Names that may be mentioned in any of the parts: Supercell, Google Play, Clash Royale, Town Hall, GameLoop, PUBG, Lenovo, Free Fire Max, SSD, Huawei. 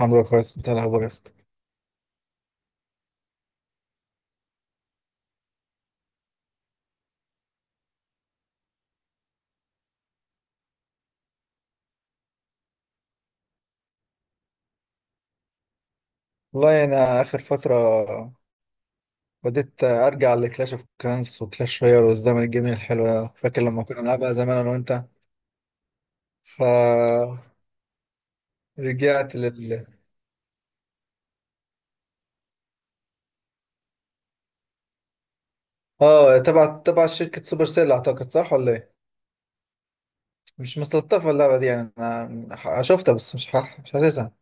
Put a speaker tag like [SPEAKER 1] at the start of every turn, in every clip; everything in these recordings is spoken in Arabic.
[SPEAKER 1] الحمد لله كويس، انت إيه الاخبار يا اسطى؟ والله يعني اخر فتره بديت ارجع لكلاش اوف كلانس وكلاش رويال والزمن الجميل الحلو ده. فاكر لما كنا بنلعبها زمان انا وانت؟ ف رجعت لل اه، تبع شركه سوبر سيل اعتقد، صح ولا ايه؟ مش مستلطفه اللعبه دي يعني، انا شفتها بس مش حاسسها.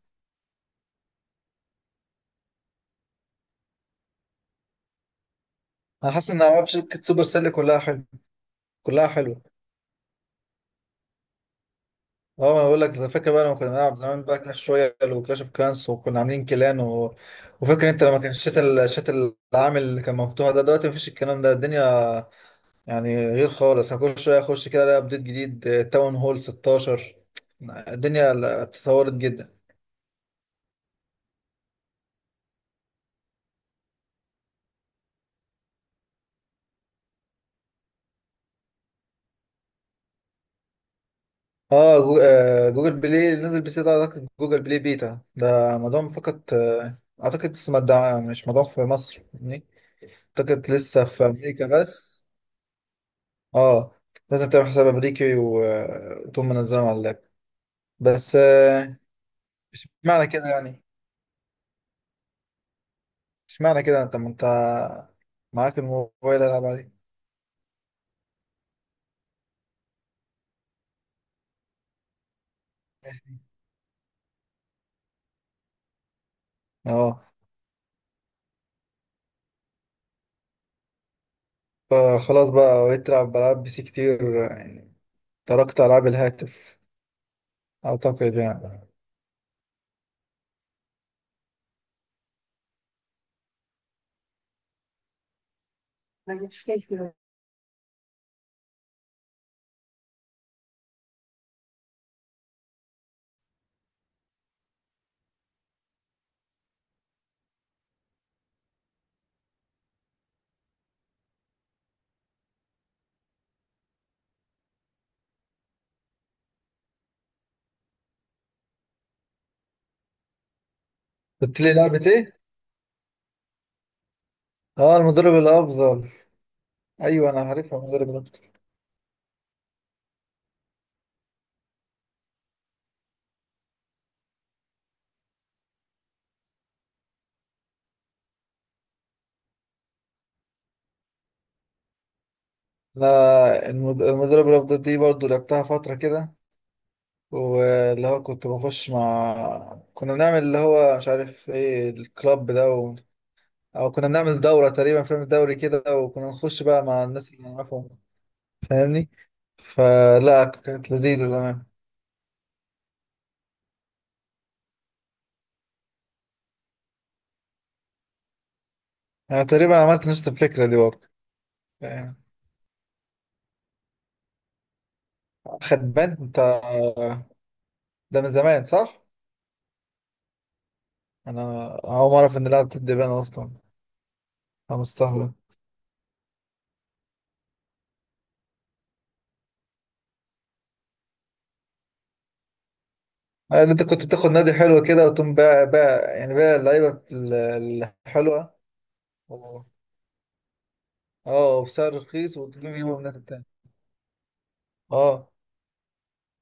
[SPEAKER 1] انا حاسس ان العاب شركه سوبر سيل كلها حلو، كلها حلوه. اه انا بقول لك، اذا فاكر بقى لما كنا بنلعب زمان بقى كلاش رويال وكلاش اوف كلانس وكنا عاملين كلان و... وفاكر انت لما كان الشات العامل اللي كان مفتوح ده؟ دلوقتي مفيش الكلام ده، الدنيا يعني غير خالص. انا كل شويه اخش كده الاقي ابديت جديد، تاون هول 16، اتطورت جدا. اه جو... آه، جوجل بلاي نزل، بس ده اعتقد جوجل بلاي بيتا، ده موضوع فقط اعتقد. بس مدعم، مش موضوع في مصر يعني. اعتقد لسه في امريكا بس. اه لازم تعمل حساب امريكي وتقوم منزلهم على اللاب بس مش معنى كده يعني، مش معنى كده. انت ما انت معاك الموبايل، العب عليه. ماشي. اه فخلاص بقى، بقيت تلعب بلعب بي سي كتير يعني، تركت العاب الهاتف. اعتقد يعني. قلت لي لعبة ايه؟ اه المدرب الافضل. ايوه انا عارفها، المدرب الافضل. انا المدرب الافضل دي برضو لعبتها فترة كده، واللي هو كنت بخش مع كنا بنعمل اللي هو مش عارف ايه الكلاب ده و... او كنا بنعمل دورة تقريبا فيلم الدوري كده، وكنا نخش بقى مع الناس اللي نعرفهم، فاهمني؟ فلا كانت لذيذة زمان. انا تقريبا عملت نفس الفكرة دي برضه. يعني خدبان انت؟ ده من زمان، صح؟ انا اول مرة اعرف ان لعبة الدبان اصلا، انا مستغرب. يعني انت كنت بتاخد نادي حلو كده، وتقوم بقى يعني بقى الحلوة. اه، وبسعر رخيص وتجيبه من ناحية تانية. اه،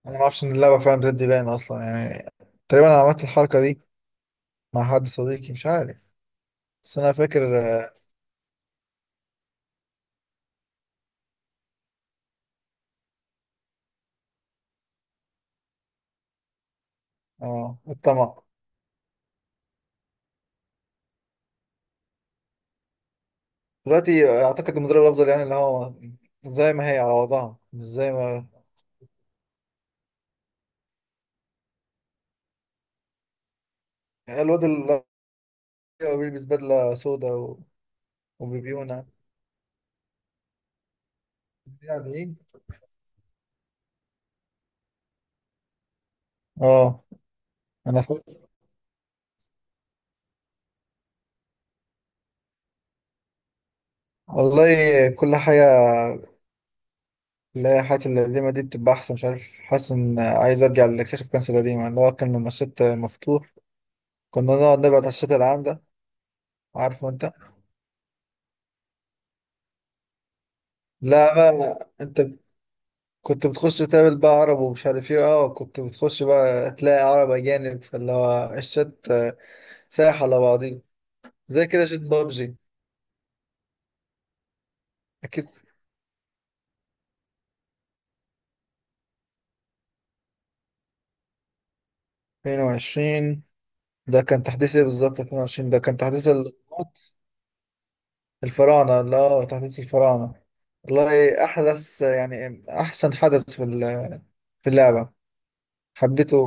[SPEAKER 1] انا ما اعرفش ان اللعبة فعلا بتدي باين اصلا يعني. تقريبا انا عملت الحركة دي مع حد صديقي، مش عارف، بس انا فاكر. اه. الطمع. دلوقتي اعتقد المدرب الافضل يعني اللي هو زي ما هي على وضعها، مش زي ما... الواد اللي هو بيلبس بدلة سودا و... وبيبيونه، يعني ايه. اه انا فاكر. والله كل حاجة، لا، حياتي القديمة دي بتبقى أحسن. مش عارف، حاسس إن عايز أرجع لكشف كنز القديمة اللي هو كان لما الشط مفتوح، كنا نقعد نبعد على الشط العام ده، عارفه أنت؟ لا بقى لا. أنت كنت بتخش تقابل بقى عرب ومش عارف إيه. أه كنت بتخش بقى تلاقي عرب أجانب، فاللي هو الشط سايح على بعضيه، زي كده شط بابجي. أكيد. 22 ده كان تحديث إيه بالظبط؟ 22 ده كان تحديث الفراعنة. لا تحديث الفراعنة والله أحدث يعني أحسن حدث في اللعبة، حبيته.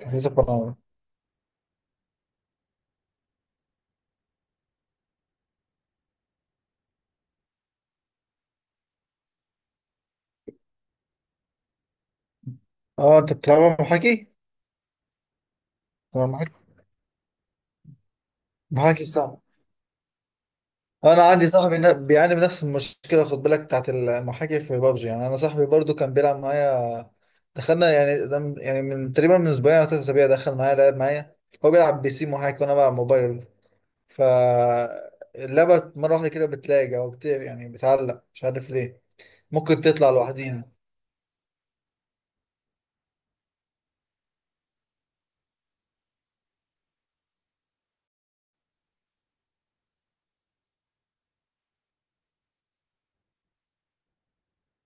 [SPEAKER 1] تحديث الفراعنة. اه انت بتلعبها محاكي؟ أنا محاكي. محاكي صعب. انا عندي صاحبي بيعاني من نفس المشكلة، خد بالك، بتاعت المحاكي في بابجي. يعني انا صاحبي برضو كان بيلعب معايا، دخلنا يعني ده يعني من تقريبا من اسبوعين او ثلاث اسابيع دخل معايا لعب معايا. هو بيلعب بي سي محاكي وانا بلعب موبايل، فاللعبة مرة واحدة كده بتلاقي يعني بتعلق مش عارف ليه، ممكن تطلع لوحدينا.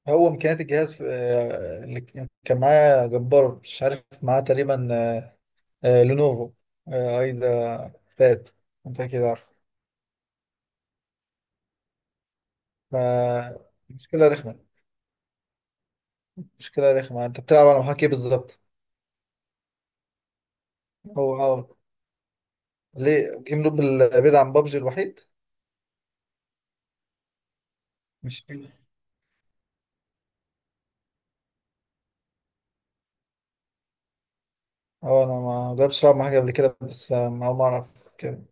[SPEAKER 1] هو إمكانيات الجهاز في... آه، اللي كان معايا جبار، مش عارف معاه تقريبا لينوفو أيضا بات. أنت أكيد عارف. ف- مشكلة رخمة، مشكلة رخمة. أنت بتلعب على محاكي بالظبط. هو أه. ليه جيم لوب بعيد عن بابجي الوحيد؟ مش أه، أنا ما جربتش ألعب مع حاجة قبل كده، بس ما أعرف كده.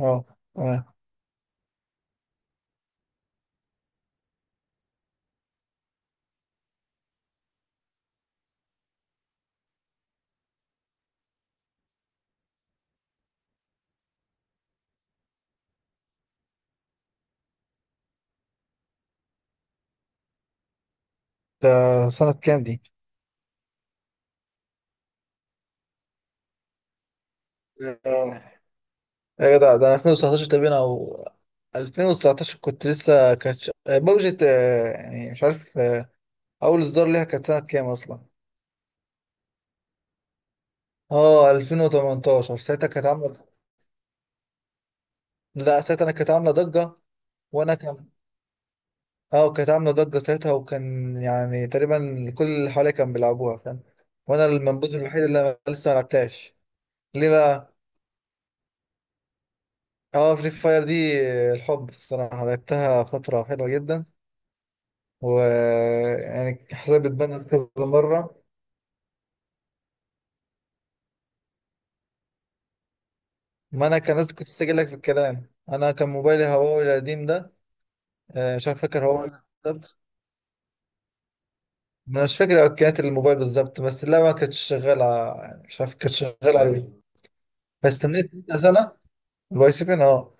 [SPEAKER 1] أه. تمام. ده سنة كام دي؟ آه، يا جدع ده أنا 2019 تقريبا أو 2019، كنت لسه كانت بابجي يعني، مش عارف أول إصدار ليها كانت سنة كام أصلا؟ أه 2018 ساعتها كانت عاملة... لا ساعتها أنا كانت عاملة ضجة. وأنا كان... أه كانت عاملة ضجة ساعتها، وكان يعني تقريبا كل اللي حواليا كان بيلعبوها، فاهم؟ وأنا المنبوذ الوحيد اللي أنا لسه ما لعبتهاش. ليه بقى؟ أه فري فاير دي الحب الصراحة، لعبتها فترة حلوة جدا، ويعني حسابي اتبنت كذا مرة. ما أنا كان لسه، كنت لسه لك في الكلام، أنا كان موبايلي هواوي القديم ده، مش عارف فاكر هواوي بالظبط. أنا مش فاكر إمكانيات الموبايل بالظبط، بس لا ما كانتش شغالة يعني، مش عارف كانت شغالة عليه. فاستنيت سنة، الواي سيفين أه.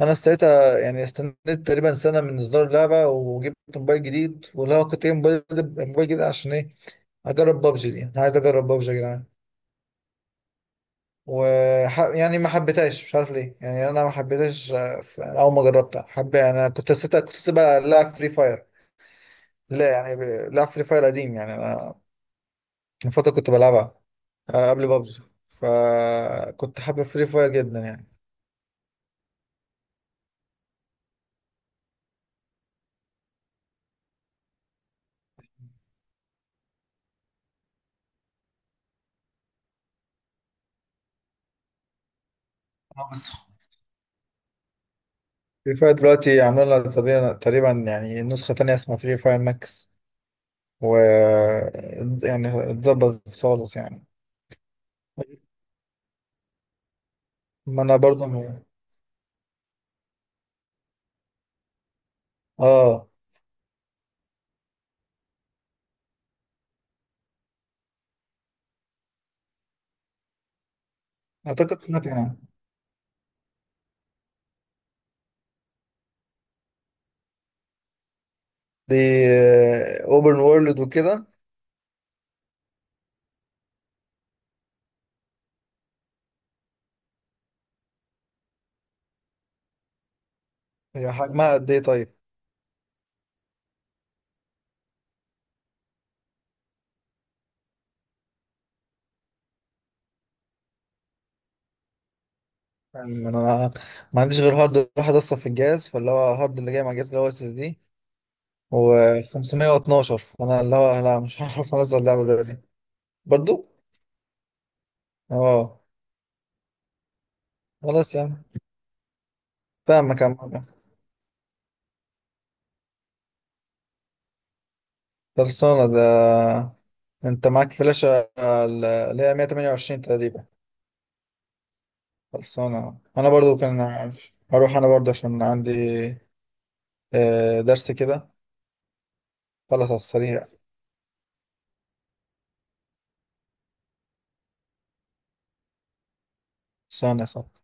[SPEAKER 1] أنا ساعتها يعني استنيت تقريبا سنة من إصدار اللعبة، وجبت موبايل جديد، واللي هو كنت جايب موبايل، موبايل جديد عشان إيه؟ أجرب بابجي دي، أنا عايز أجرب بابجي يا جدعان. و... يعني ما حبيتهاش مش عارف ليه، يعني انا ما حبيتهاش. اول ما جربتها حب، يعني انا كنت سيتها، كنت سيبها لا فري فاير. لا يعني لا، فري فاير قديم يعني، انا من فتره كنت بلعبها قبل بابجي، فكنت حابب فري فاير جدا يعني. اه بس فري فاير دلوقتي عاملين لها تقريبا تقريبا يعني نسخة تانية اسمها فري فاير ماكس، و... يعني اتظبطت خالص يعني. ما انا برضه اه اعتقد سمعت يعني. دي اوبن وورلد وكده. هي حجمها قد ايه طيب؟ يعني انا ما عنديش غير هارد واحد اصلا في الجهاز، فاللي هو هارد اللي جاي مع الجهاز اللي هو اس اس دي و512، فانا اللي هو لا، مش هعرف انزل اللعبه دلوقتي. برضو. اه. خلاص يعني. فاهمك يا عم. خلصانه ده؟ انت معاك فلاشه اللي هي 128 تقريبا؟ خلصانه. انا برضو كان عارف هروح، انا برضو عشان عندي درس كده. خلاص على السريع. خلصانه يا صاحبي.